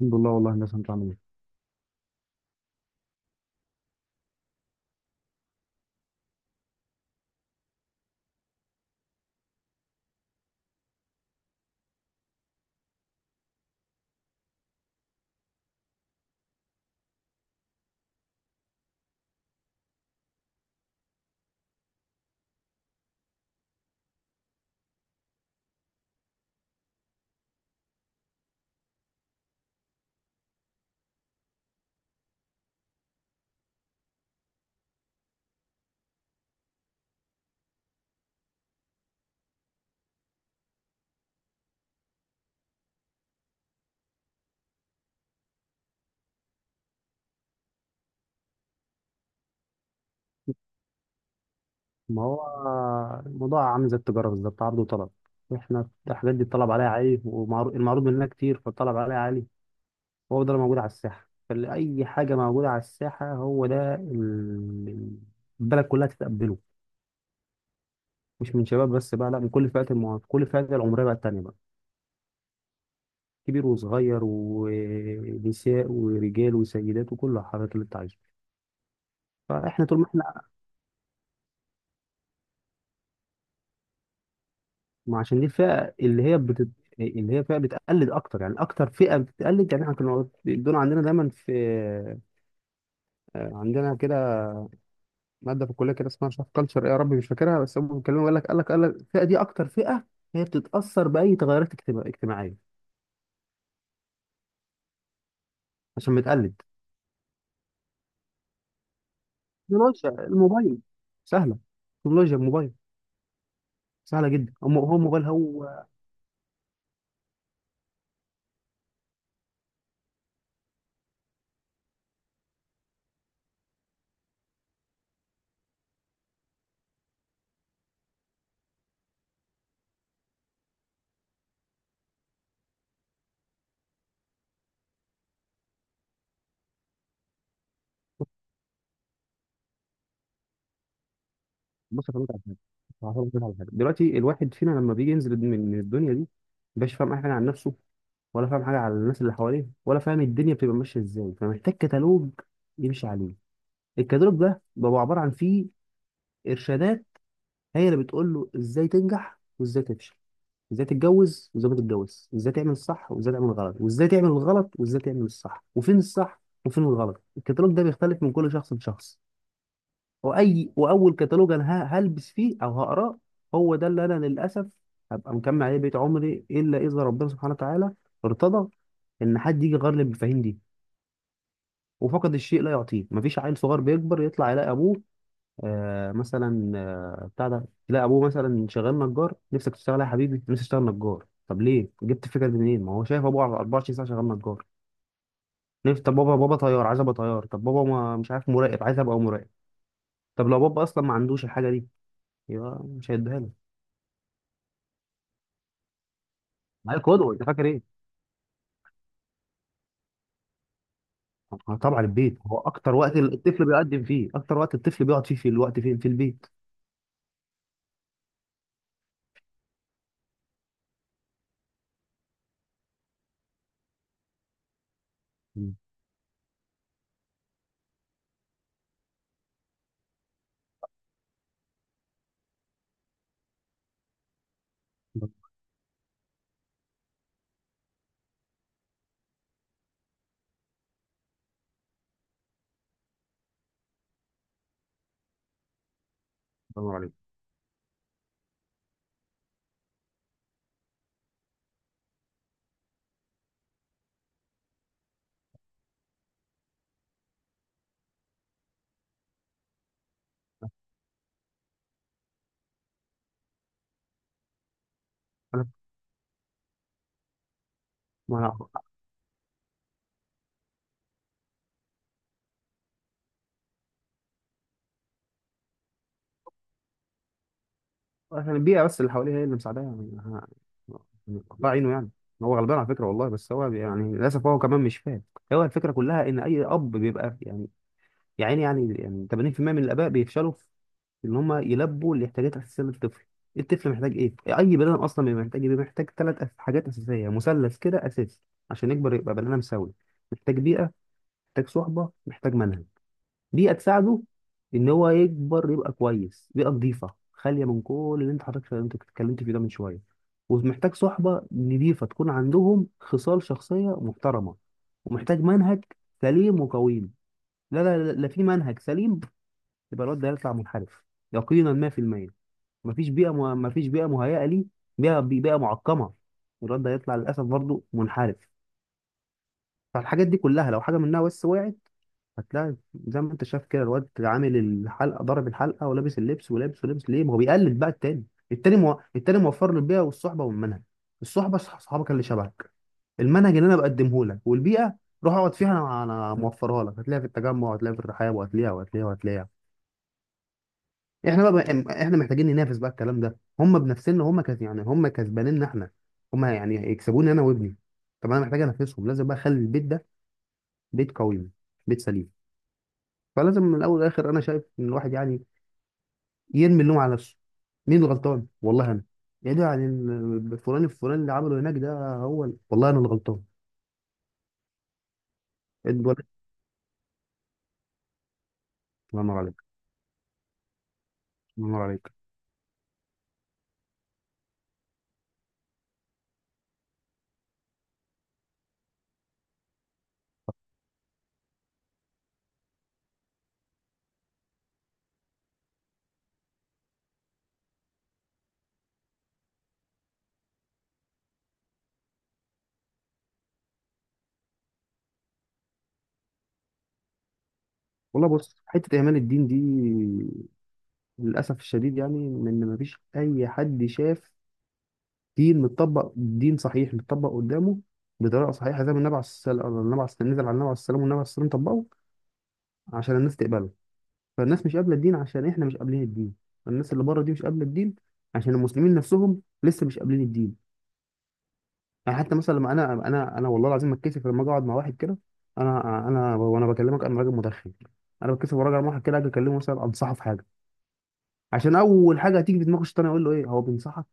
الحمد لله، والله الناس. انت عامل ايه؟ ما هو الموضوع عامل زي التجاره بالظبط، عرض وطلب. احنا الحاجات دي الطلب عليها عالي والمعروض منها كتير، فالطلب عليها عالي. هو ده اللي موجود على الساحه، فاي حاجه موجوده على الساحه هو ده البلد كلها تتقبله. مش من شباب بس بقى، لا، من كل فئات المواطن، كل فئات العمريه بقى التانيه بقى، كبير وصغير ونساء ورجال وسيدات وكل الحاجات اللي انت عايزها. فاحنا طول ما احنا. ما عشان دي الفئة اللي هي اللي هي فئة بتقلد أكتر، يعني أكتر فئة بتقلد. يعني إحنا كنا دول عندنا دايما في، عندنا كده مادة في الكلية كده اسمها مش عارف كلتشر إيه، يا ربي مش فاكرها. بس هم بيتكلموا، يقول لك، قال لك الفئة دي أكتر فئة هي بتتأثر بأي تغيرات اجتماعية، عشان بتقلد. تكنولوجيا الموبايل سهلة تكنولوجيا الموبايل سهلة جدا، هو الموبايل هو. بص أفهمك على حاجة، هفهمك على حاجة. دلوقتي الواحد فينا لما بيجي ينزل من الدنيا دي، مبقاش فاهم أي حاجة عن نفسه، ولا فاهم حاجه على الناس اللي حواليه، ولا فاهم الدنيا بتبقى ماشيه ازاي، فمحتاج كتالوج يمشي عليه. الكتالوج ده بيبقى عباره عن فيه ارشادات هي اللي بتقول له ازاي تنجح وازاي تفشل، ازاي تتجوز وازاي ما تتجوز، ازاي تعمل الصح وازاي تعمل الغلط، وازاي تعمل الغلط وازاي تعمل الصح، وفين الصح وفين الغلط. الكتالوج ده بيختلف من كل شخص لشخص. واول كتالوج انا هلبس فيه او هقراه، هو ده اللي انا للاسف هبقى مكمل عليه بقيت عمري، الا اذا ربنا سبحانه وتعالى ارتضى ان حد يجي يغير لي المفاهيم دي. وفقد الشيء لا يعطيه. مفيش عيل صغير بيكبر يطلع يلاقي ابوه، آه مثلا آه بتاع ده، يلاقي ابوه مثلا شغال نجار، نفسك تشتغل إيه يا حبيبي؟ نفسي اشتغل نجار. طب ليه؟ جبت الفكره دي منين؟ ما هو شايف ابوه على 24 ساعه شغال نجار. نفسي، طب بابا، بابا طيار، عايز ابقى طيار. طب بابا، ما، مش عارف، مراقب، عايز ابقى مراقب. طب لو بابا اصلا ما عندوش الحاجه دي، يبقى مش هيديها له. عيل قدوه، انت فاكر ايه؟ طبعا البيت هو اكتر وقت الطفل بيقدم فيه، اكتر وقت الطفل بيقعد فيه في الوقت فين؟ في البيت. مم. الله ينور عليك. انا ما أنا عشان البيئة بس اللي حواليه هي اللي مساعداه، يعني يعني الله عينه يعني. هو غلبان على فكرة والله، بس هو يعني للأسف هو كمان مش فاهم. هو الفكرة كلها إن أي أب بيبقى يعني، يا عيني، يعني 80% من الآباء بيفشلوا في إن هم يلبوا الاحتياجات الأساسية للطفل. الطفل محتاج إيه؟ أي بني آدم أصلا بيبقى محتاج إيه؟ بيبقى محتاج ثلاث حاجات أساسية، مثلث كده أساسي عشان يكبر يبقى بني آدم سوي. محتاج بيئة، محتاج صحبة، محتاج منهج. دي هتساعده ان هو يكبر يبقى كويس. بيئه نظيفه خاليه من كل اللي انت حضرتك انت اتكلمت فيه ده من شويه، ومحتاج صحبه نظيفه تكون عندهم خصال شخصيه محترمه، ومحتاج منهج سليم وقويم. لا لا لا لا في منهج سليم، يبقى الواد ده هيطلع منحرف، يقينا 100%. مفيش بيئه مهيئه ليه، بيئه معقمه، الواد ده هيطلع للاسف برضه منحرف. فالحاجات دي كلها لو حاجه منها بس وقعت، هتلاقي زي ما انت شايف كده الواد عامل الحلقه، ضارب الحلقه ولابس اللبس ولابس ليه؟ ما هو بيقلد بقى التاني. التاني موفر له البيئه والصحبه والمنهج. الصحبه، صحابك اللي شبهك، المنهج اللي انا بقدمه لك، والبيئه روح اقعد فيها، انا موفرها لك. هتلاقيها في التجمع، وهتلاقيها في الرحاب، وهتلاقيها وهتلاقيها وهتلاقيها. احنا بقى، احنا محتاجين ننافس بقى الكلام ده، هم بنفسنا، هم يعني هم كسبانيننا احنا، هم يعني يكسبوني انا وابني. طب انا محتاج انافسهم، لازم بقى اخلي البيت ده بيت قوي، بيت سليم. فلازم من الاول والاخر انا شايف ان الواحد يعني يرمي اللوم على نفسه. مين الغلطان؟ والله انا. يا ده يعني فلان الفلان اللي عمله هناك ده، هو والله انا الغلطان. الولد. الله ينور عليك. الله ينور عليك. والله، بص، حته ايمان الدين دي للاسف الشديد، يعني ان مفيش اي حد شاف دين متطبق، دين صحيح متطبق قدامه بطريقه صحيحه زي ما النبي عليه الصلاه نزل على النبي عليه السلام، والنبي عليه السلام طبقه عشان الناس تقبله. فالناس مش قابله الدين عشان احنا مش قابلين الدين، الناس اللي بره دي مش قابله الدين عشان المسلمين نفسهم لسه مش قابلين الدين. يعني حتى مثلا لما انا، انا والله العظيم ما اتكسف لما اجي اقعد مع واحد كده. انا، وانا بكلمك انا راجل مدخن، انا بتكسف وانا راجع مع واحد كده اجي اكلمه مثلا انصحه في حاجه. عشان اول حاجه هتيجي في دماغه الشيطان يقول له: ايه هو بينصحك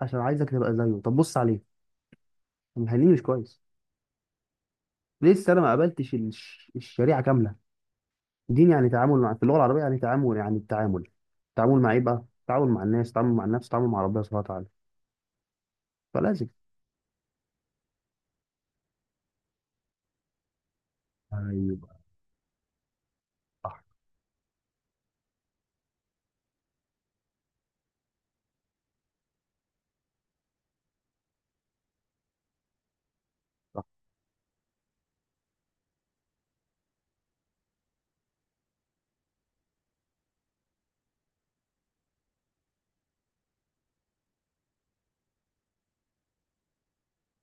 عشان عايزك تبقى زيه، طب بص عليه، طب مخليه مش كويس، لسه انا ما قابلتش الشريعه كامله. دين يعني تعامل، مع في اللغه العربيه يعني تعامل، يعني التعامل. تعامل مع ايه بقى؟ تعامل مع الناس، تعامل مع النفس، تعامل مع ربنا سبحانه وتعالى. فلازم. ايوه، صح، صح.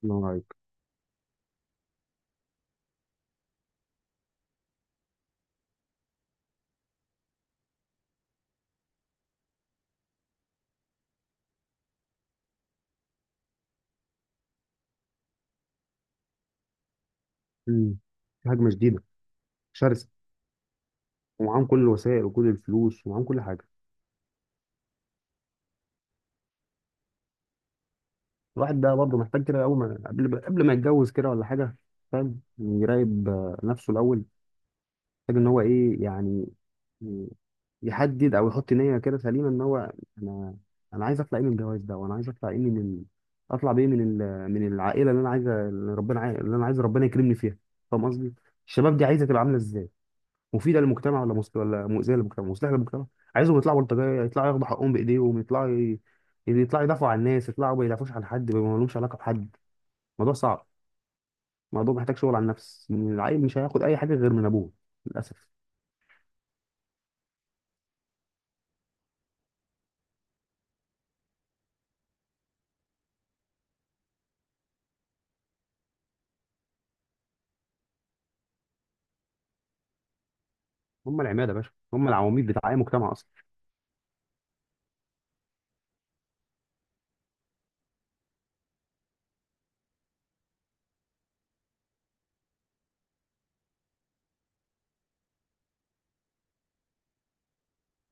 الله يبارك. مم. في هجمه شديده شرسه، ومعاهم كل الوسائل وكل الفلوس، ومعاهم كل حاجه. الواحد ده برضه محتاج كده اول ما قبل ما يتجوز كده ولا حاجه، فاهم، يراقب نفسه الاول. محتاج ان هو ايه يعني، ي- يحدد او يحط نيه كده سليمه ان هو، انا، عايز اطلع ايه من الجواز ده، وانا عايز اطلع ايه من اطلع بايه من من العائله اللي انا عايزه، اللي ربنا اللي انا عايز ربنا يكرمني فيها، فاهم قصدي. الشباب دي عايزه تبقى عامله ازاي؟ مفيده للمجتمع، ولا ولا مؤذيه للمجتمع، مصلحه للمجتمع؟ عايزهم يطلعوا بلطجيه، يطلعوا ياخدوا حقهم بايديهم، يطلعوا، يطلعوا يدافعوا عن الناس، يطلعوا ما يدافعوش عن حد، ما لهمش علاقه بحد. الموضوع صعب، الموضوع محتاج شغل على النفس. العيل مش هياخد اي حاجه غير من ابوه للاسف. هم العماده يا باشا، هم العواميد بتاع اي مجتمع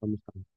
اصلا.